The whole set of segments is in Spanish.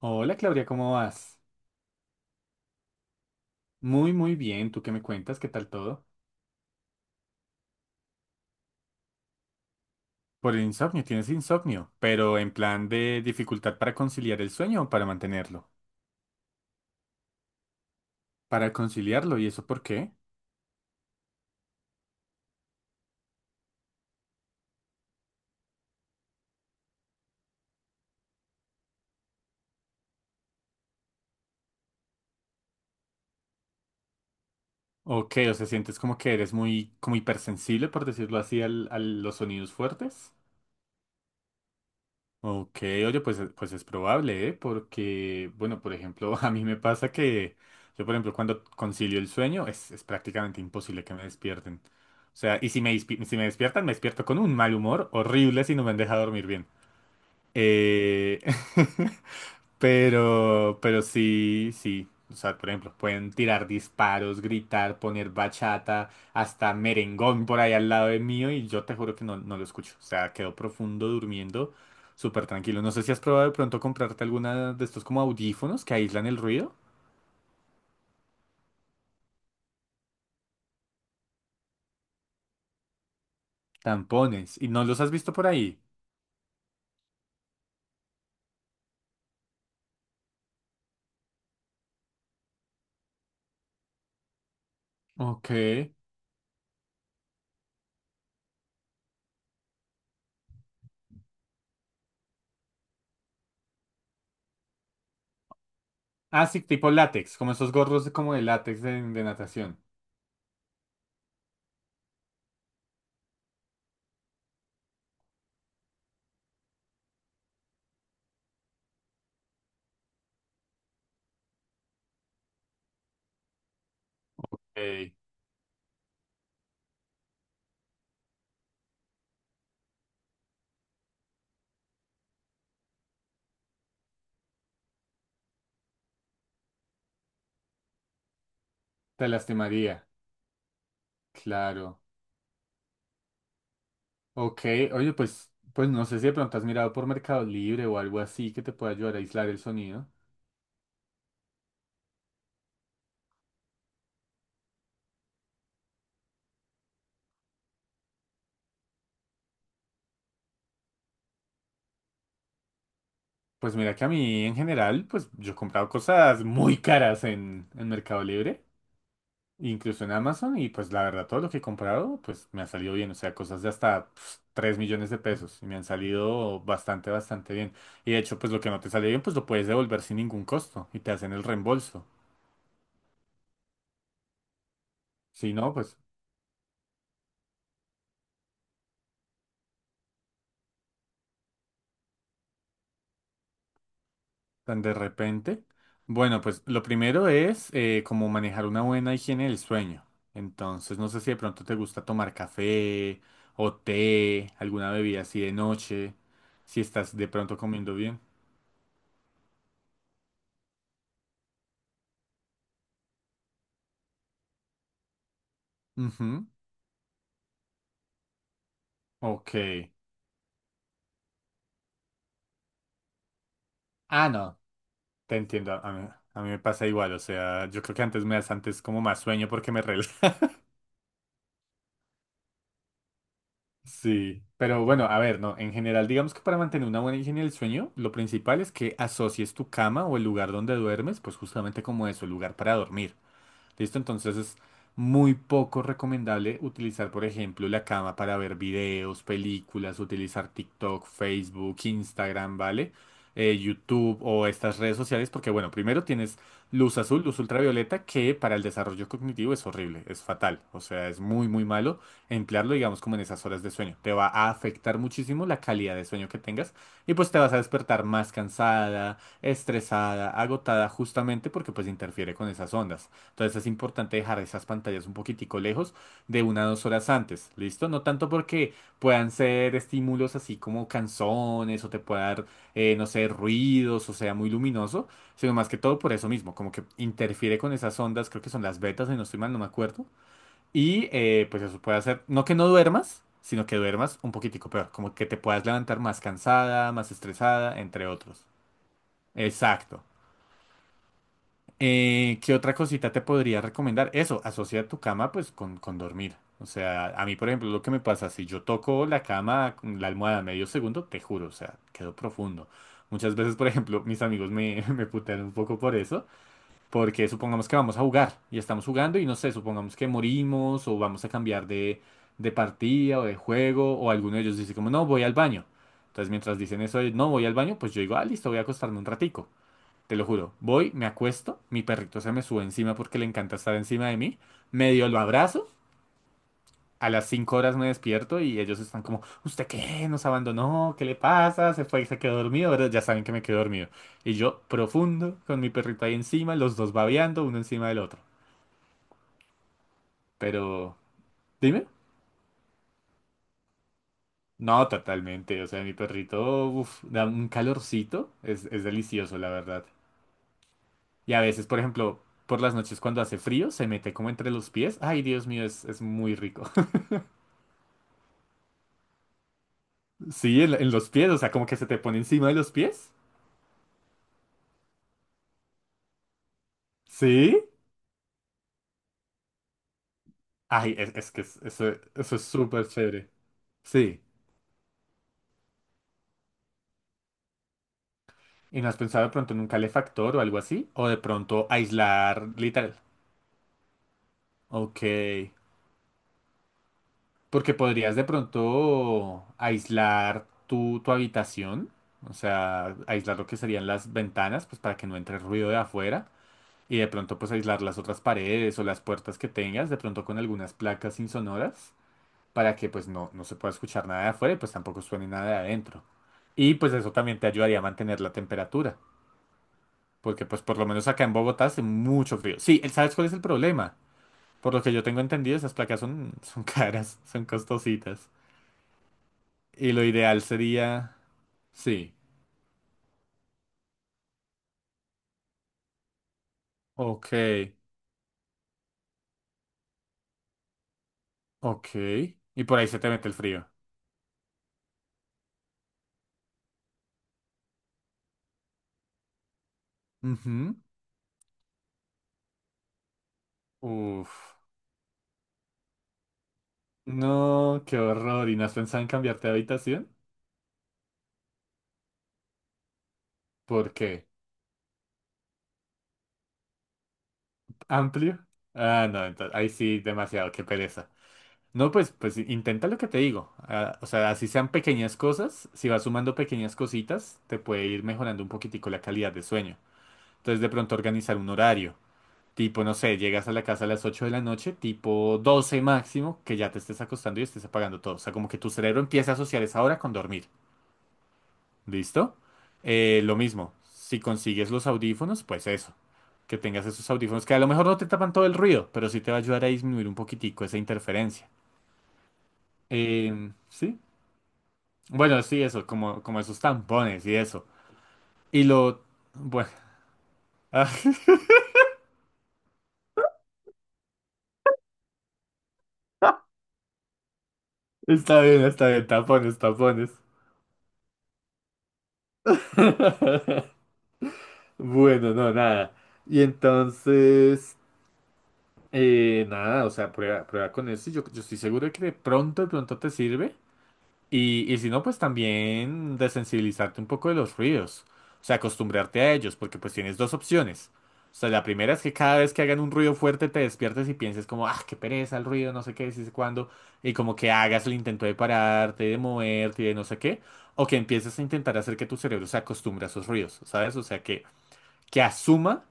Hola Claudia, ¿cómo vas? Muy, muy bien. ¿Tú qué me cuentas? ¿Qué tal todo? Por el insomnio, tienes insomnio, pero en plan de dificultad para conciliar el sueño o para mantenerlo. Para conciliarlo, ¿y eso por qué? ¿O sea, sientes como que eres muy, como hipersensible, por decirlo así, a los sonidos fuertes. Ok, oye, pues es probable, ¿eh? Porque, bueno, por ejemplo, a mí me pasa que yo, por ejemplo, cuando concilio el sueño, es prácticamente imposible que me despierten. O sea, y si me despiertan, me despierto con un mal humor horrible si no me han dejado dormir bien. Eh... pero sí, sí. O sea, por ejemplo, pueden tirar disparos, gritar, poner bachata, hasta merengón por ahí al lado de mío y yo te juro que no, no lo escucho. O sea, quedo profundo durmiendo, súper tranquilo. No sé si has probado de pronto comprarte alguna de estos como audífonos que aíslan el ruido. Tampones. ¿Y no los has visto por ahí? Ok. Ah, sí, tipo látex, como esos gorros de, como de látex de natación. Ey. Te lastimaría. Claro. Ok, oye, pues no sé si de pronto has mirado por Mercado Libre o algo así que te pueda ayudar a aislar el sonido. Pues mira que a mí en general, pues yo he comprado cosas muy caras en Mercado Libre, incluso en Amazon, y pues la verdad todo lo que he comprado, pues me ha salido bien, o sea, cosas de hasta 3 millones de pesos, y me han salido bastante, bastante bien. Y de hecho, pues lo que no te sale bien, pues lo puedes devolver sin ningún costo, y te hacen el reembolso. Si no, pues tan de repente. Bueno, pues lo primero es como manejar una buena higiene del sueño. Entonces, no sé si de pronto te gusta tomar café o té, alguna bebida así de noche, si estás de pronto comiendo bien. Ujú, Ok. Ah, no, te entiendo. A mí me pasa igual. O sea, yo creo que antes me das antes como más sueño porque me relaja. Sí, pero bueno, a ver, no, en general, digamos que para mantener una buena higiene del sueño, lo principal es que asocies tu cama o el lugar donde duermes, pues justamente como eso, lugar para dormir. ¿Listo? Entonces es muy poco recomendable utilizar, por ejemplo, la cama para ver videos, películas, utilizar TikTok, Facebook, Instagram, ¿vale? YouTube o estas redes sociales, porque bueno, primero tienes luz azul, luz ultravioleta, que para el desarrollo cognitivo es horrible, es fatal, o sea, es muy, muy malo emplearlo, digamos, como en esas horas de sueño. Te va a afectar muchísimo la calidad de sueño que tengas y pues te vas a despertar más cansada, estresada, agotada, justamente porque pues interfiere con esas ondas. Entonces es importante dejar esas pantallas un poquitico lejos de 1 o 2 horas antes, ¿listo? No tanto porque puedan ser estímulos así como canciones o te pueda dar, no sé, ruidos o sea muy luminoso, sino más que todo por eso mismo, como que interfiere con esas ondas, creo que son las betas, si no estoy mal, no me acuerdo. Y pues eso puede hacer, no que no duermas, sino que duermas un poquitico peor, como que te puedas levantar más cansada, más estresada, entre otros. Exacto. ¿Qué otra cosita te podría recomendar? Eso, asocia tu cama pues con dormir. O sea, a mí, por ejemplo, lo que me pasa, si yo toco la cama, con la almohada medio segundo, te juro, o sea, quedo profundo. Muchas veces, por ejemplo, mis amigos me, me putean un poco por eso, porque supongamos que vamos a jugar y estamos jugando y no sé, supongamos que morimos o vamos a cambiar de partida o de juego o alguno de ellos dice como, no, voy al baño. Entonces, mientras dicen eso de, no, voy al baño, pues yo digo, ah, listo, voy a acostarme un ratico. Te lo juro. Voy, me acuesto, mi perrito se me sube encima porque le encanta estar encima de mí. Medio lo abrazo. A las 5 horas me despierto y ellos están como, ¿usted qué? ¿Nos abandonó? ¿Qué le pasa? ¿Se fue y se quedó dormido? Pero ya saben que me quedo dormido. Y yo, profundo, con mi perrito ahí encima, los dos babeando, uno encima del otro. Pero, dime. No, totalmente. O sea, mi perrito, uf, da un calorcito. Es delicioso, la verdad. Y a veces, por ejemplo, por las noches cuando hace frío, se mete como entre los pies. Ay, Dios mío, es muy rico. Sí, en los pies, o sea, como que se te pone encima de los pies. Sí. Ay, es que eso, eso es súper chévere. Sí. ¿Y no has pensado de pronto en un calefactor o algo así? ¿O de pronto aislar literal? Ok. Porque podrías de pronto aislar tu habitación. O sea, aislar lo que serían las ventanas, pues para que no entre ruido de afuera. Y de pronto pues aislar las otras paredes o las puertas que tengas, de pronto con algunas placas insonoras. Para que pues no, no se pueda escuchar nada de afuera y pues tampoco suene nada de adentro. Y pues eso también te ayudaría a mantener la temperatura, porque pues por lo menos acá en Bogotá hace mucho frío. Sí, ¿sabes cuál es el problema? Por lo que yo tengo entendido, esas placas son caras, son costositas. Y lo ideal sería... Sí, ok, ok. Y por ahí se te mete el frío. Ujú. Uf. No, qué horror. ¿Y no has pensado en cambiarte de habitación? ¿Por qué? ¿Amplio? Ah, no, entonces ahí sí, demasiado, qué pereza. No, pues intenta lo que te digo. Ah, o sea, así sean pequeñas cosas, si vas sumando pequeñas cositas, te puede ir mejorando un poquitico la calidad de sueño. Entonces, de pronto organizar un horario. Tipo, no sé, llegas a la casa a las 8 de la noche, tipo 12 máximo, que ya te estés acostando y estés apagando todo. O sea, como que tu cerebro empieza a asociar esa hora con dormir. ¿Listo? Lo mismo, si consigues los audífonos, pues eso, que tengas esos audífonos, que a lo mejor no te tapan todo el ruido, pero sí te va a ayudar a disminuir un poquitico esa interferencia. ¿Sí? Bueno, sí, eso, como esos tampones y eso. Y lo... Bueno, ah, está bien, tapones, tapones. Bueno, no, nada. Y entonces, nada, o sea, prueba, prueba con eso. Yo estoy seguro de que de pronto te sirve. Y si no, pues también desensibilizarte un poco de los ruidos. O sea, acostumbrarte a ellos, porque pues tienes dos opciones. O sea, la primera es que cada vez que hagan un ruido fuerte te despiertes y pienses como, ah, qué pereza el ruido, no sé qué, sí sé cuándo. Y como que hagas el intento de pararte, de moverte, de no sé qué. O que empieces a intentar hacer que tu cerebro se acostumbre a esos ruidos, ¿sabes? O sea, que, asuma,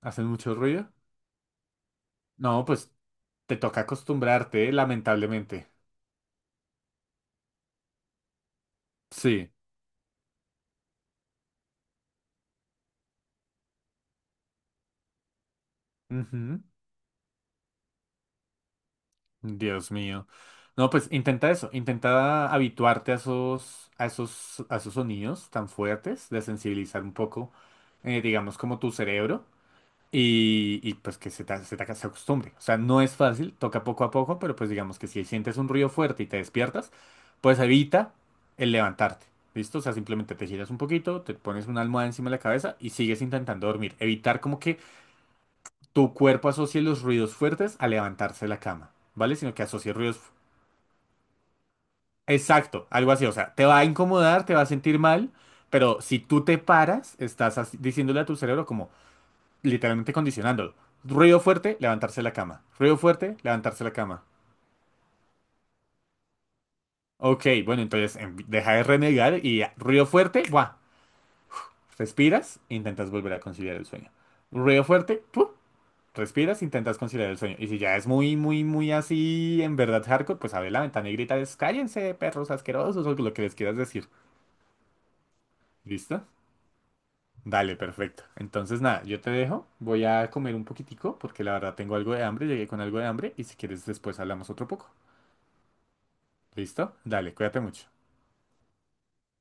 hacen mucho ruido. No, pues te toca acostumbrarte, lamentablemente. Sí. Ujú. Dios mío. No, pues intenta eso, intenta habituarte a esos sonidos tan fuertes, de sensibilizar un poco, digamos, como tu cerebro y, pues que se te se acostumbre. O sea, no es fácil, toca poco a poco, pero pues digamos que si sientes un ruido fuerte y te despiertas, pues evita el levantarte. ¿Listo? O sea, simplemente te giras un poquito, te pones una almohada encima de la cabeza y sigues intentando dormir. Evitar como que tu cuerpo asocie los ruidos fuertes a levantarse de la cama, ¿vale? Sino que asocie ruidos. Exacto, algo así, o sea, te va a incomodar, te va a sentir mal, pero si tú te paras, estás diciéndole a tu cerebro como literalmente condicionándolo. Ruido fuerte, levantarse de la cama. Ruido fuerte, levantarse de la cama. Ok, bueno, entonces deja de renegar y ya, ruido fuerte, ¡buah! Respiras, intentas volver a conciliar el sueño. Ruido fuerte, ¡puf! Respiras, intentas conciliar el sueño. Y si ya es muy, muy, muy así, en verdad hardcore, pues abre la ventana y grita, cállense, perros asquerosos, o lo que les quieras decir. ¿Listo? Dale, perfecto. Entonces, nada, yo te dejo. Voy a comer un poquitico porque la verdad tengo algo de hambre. Llegué con algo de hambre y si quieres después hablamos otro poco. ¿Listo? Dale, cuídate mucho.